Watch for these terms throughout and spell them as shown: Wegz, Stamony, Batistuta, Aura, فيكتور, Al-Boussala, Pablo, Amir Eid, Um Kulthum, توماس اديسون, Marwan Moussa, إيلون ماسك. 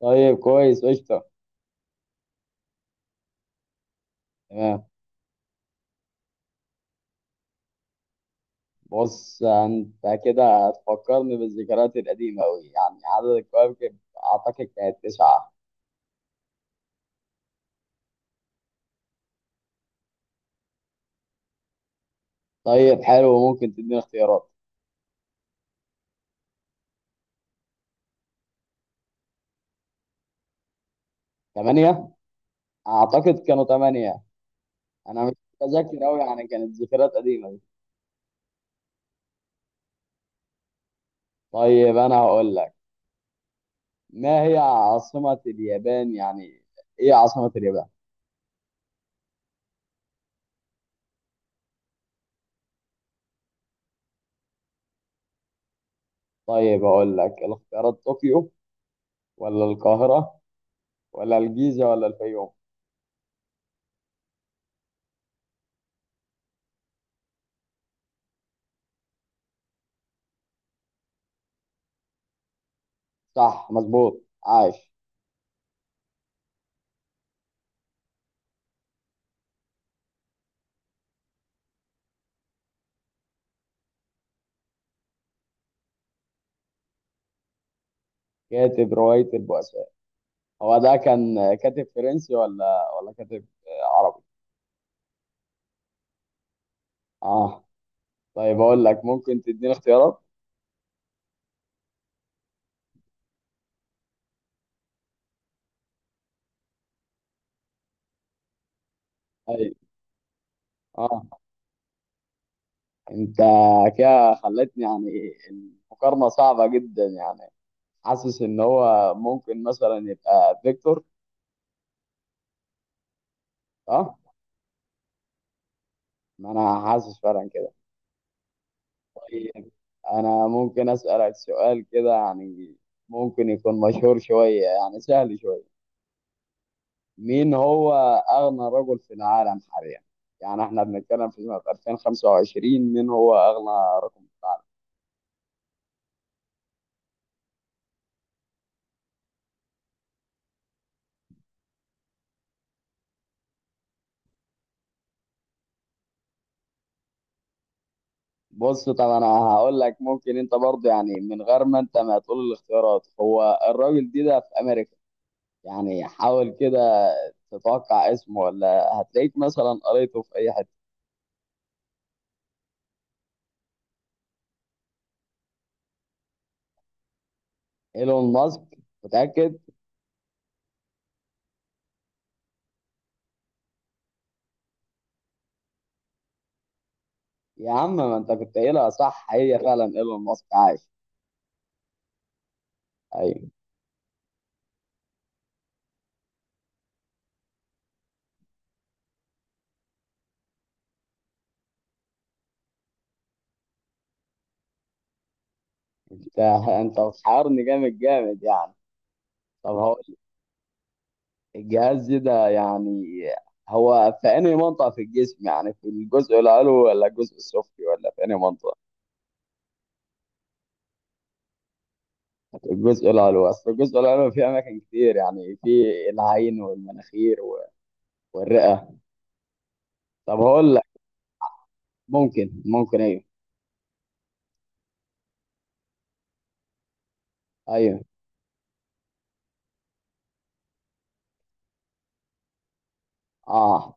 طيب، كويس قشطة. تمام. بص، انت كده هتفكرني بالذكريات القديمة أوي. يعني عدد الكواكب، أعتقد كانت تسعة. طيب، حلو. ممكن تديني اختيارات؟ تمانية. أعتقد كانوا تمانية. أنا مش متذكر أوي، يعني كانت ذكريات قديمة دي. طيب، أنا هقول لك. ما هي عاصمة اليابان؟ يعني إيه عاصمة اليابان؟ طيب، هقول لك الاختيارات: طوكيو، ولا القاهرة، ولا الجيزة، ولا الفيوم؟ صح، مظبوط، عاش. كاتب رواية البؤساء، هو ده كان كاتب فرنسي ولا كاتب عربي؟ اه. طيب، اقول لك، ممكن تديني اختيارات؟ ايوه. اه. انت كده خلتني، يعني المقارنه صعبه جدا. يعني حاسس ان هو ممكن مثلا يبقى فيكتور. اه، ما انا حاسس فعلا كده. طيب، انا ممكن اسالك سؤال كده، يعني ممكن يكون مشهور شويه، يعني سهل شويه. مين هو أغنى رجل في العالم حاليا؟ يعني احنا بنتكلم في سنة 2025، مين هو أغنى رجل في العالم؟ بص، طب أنا هقول لك، ممكن أنت برضه، يعني من غير ما أنت ما تقول الاختيارات، هو الراجل دي ده في أمريكا. يعني حاول كده تتوقع اسمه، ولا هتلاقيك مثلا قريته في أي حتة. إيلون ماسك؟ متأكد؟ يا عم، ما أنت كنت قايلها صح! هي فعلا إيلون ماسك. عايش. أيوه. أنت أنت بتحيرني جامد جامد، يعني. طب، الجهاز ده يعني هو في أنهي منطقة في الجسم؟ يعني في الجزء العلوي، ولا الجزء السفلي، ولا في أنهي منطقة؟ في الجزء العلوي. أصل الجزء العلوي فيه أماكن كتير، يعني في العين والمناخير والرئة. طب هقول لك. ممكن، ممكن، أيوه، أيوه. أه،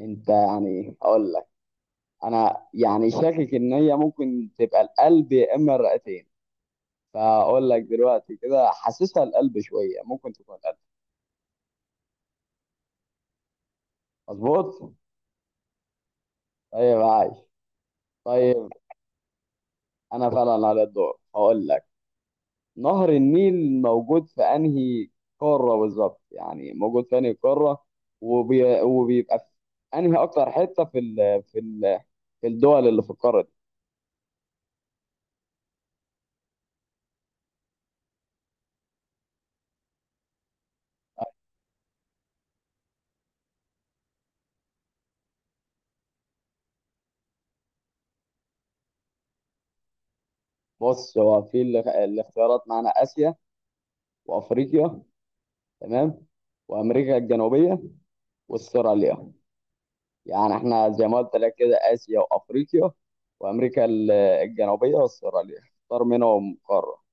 أنت يعني هقول لك. أنا يعني شاكك إن هي ممكن تبقى القلب، يا إما الرئتين. فأقول لك دلوقتي كده، حاسسها القلب شوية، ممكن تكون القلب. مظبوط؟ طيب، عايش. طيب، انا فعلا على الدور. هقول لك: نهر النيل موجود في انهي قارة بالظبط؟ يعني موجود في انهي قارة، وبيبقى في انهي اكتر حتة في الدول اللي في القارة دي. بص، هو في الاختيارات معانا: اسيا، وافريقيا، تمام، وامريكا الجنوبية، واستراليا. يعني احنا زي ما قلت لك كده: اسيا، وافريقيا، وامريكا الجنوبية، واستراليا. اختار منهم قارة.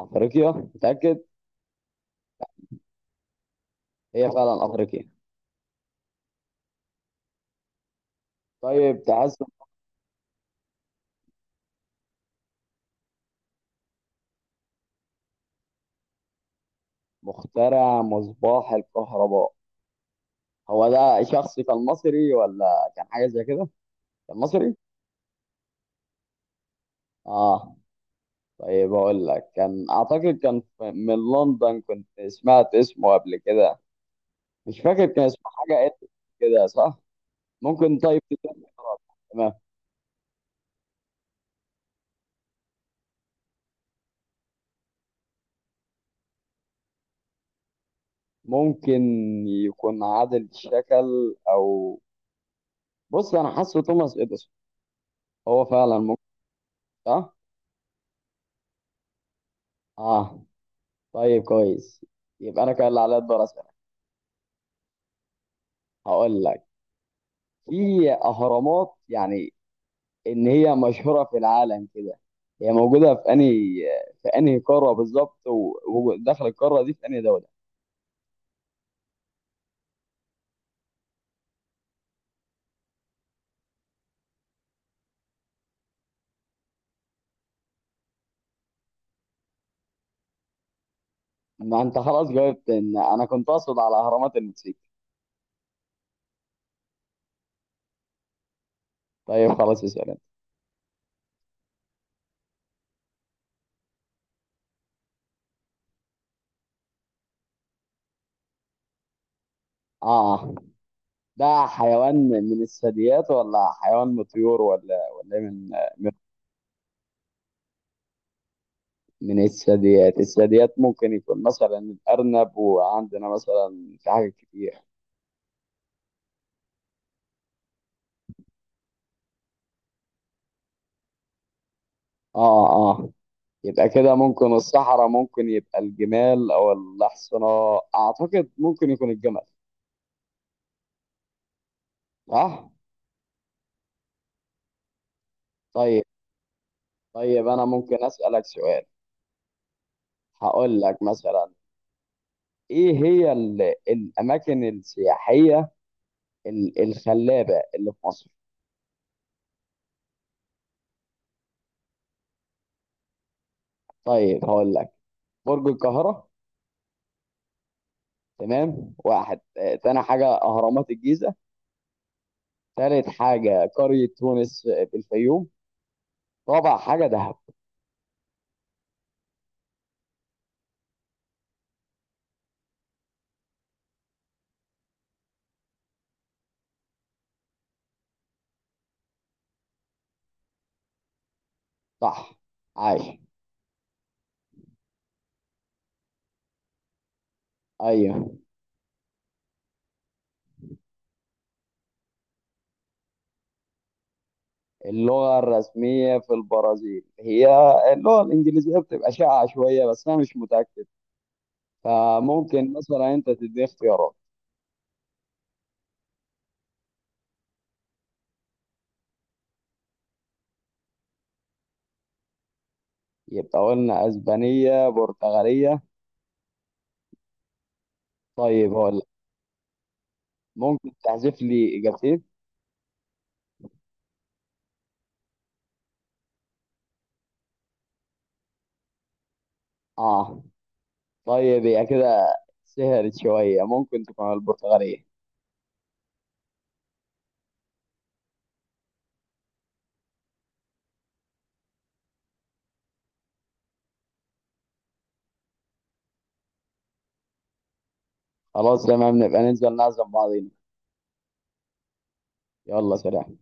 افريقيا؟ متأكد؟ هي فعلا افريقيا. طيب، تحسه. مخترع مصباح الكهرباء، هو ده شخص كان مصري، ولا كان حاجة زي كده؟ كان مصري؟ اه. طيب، اقول لك، كان اعتقد كان من لندن، كنت سمعت اسمه قبل كده. مش فاكر، كان اسمه حاجة كده صح؟ ممكن؟ طيب، تديني اختيارات؟ تمام. ممكن يكون عادل الشكل، او بص، انا حاسه توماس اديسون. هو فعلا ممكن. صح؟ اه. طيب، كويس. يبقى انا كان اللي عليا الدور اسالك. هقول لك: في اهرامات، يعني ان هي مشهوره في العالم كده، هي موجوده في انهي قاره بالظبط؟ وداخل القاره دي في انهي دوله؟ ما انت خلاص جاوبت. ان انا كنت اقصد على اهرامات المكسيك. طيب خلاص، اسال انت. اه. ده حيوان من الثدييات، ولا حيوان من الطيور، ولا إيه من؟ من من الثدييات. الثدييات ممكن يكون مثلا الارنب، وعندنا مثلا في حاجات كتير. اه، اه. يبقى كده ممكن الصحراء، ممكن يبقى الجمال او الاحصنة. اعتقد ممكن يكون الجمل. صح. طيب، طيب، انا ممكن اسالك سؤال. هقول لك مثلا: ايه هي الاماكن السياحيه الخلابه اللي في مصر؟ طيب، هقول لك: برج القاهره، تمام، واحد. تاني حاجه اهرامات الجيزه. تالت حاجه قريه تونس في الفيوم. رابع حاجه دهب. صح. عايش. ايوه. اللغة الرسمية في البرازيل هي اللغة الإنجليزية، بتبقى شائعة شوية، بس أنا مش متأكد. فممكن مثلا أنت تديني اختيارات. يبقى قلنا أسبانية، برتغالية. طيب، هقول لك، ممكن تحذف لي إجابتين؟ آه. طيب، هي كده سهلت شوية. ممكن تكون البرتغالية. خلاص تمام، نبقى ننزل نعزم بعضينا. يلا، سلام.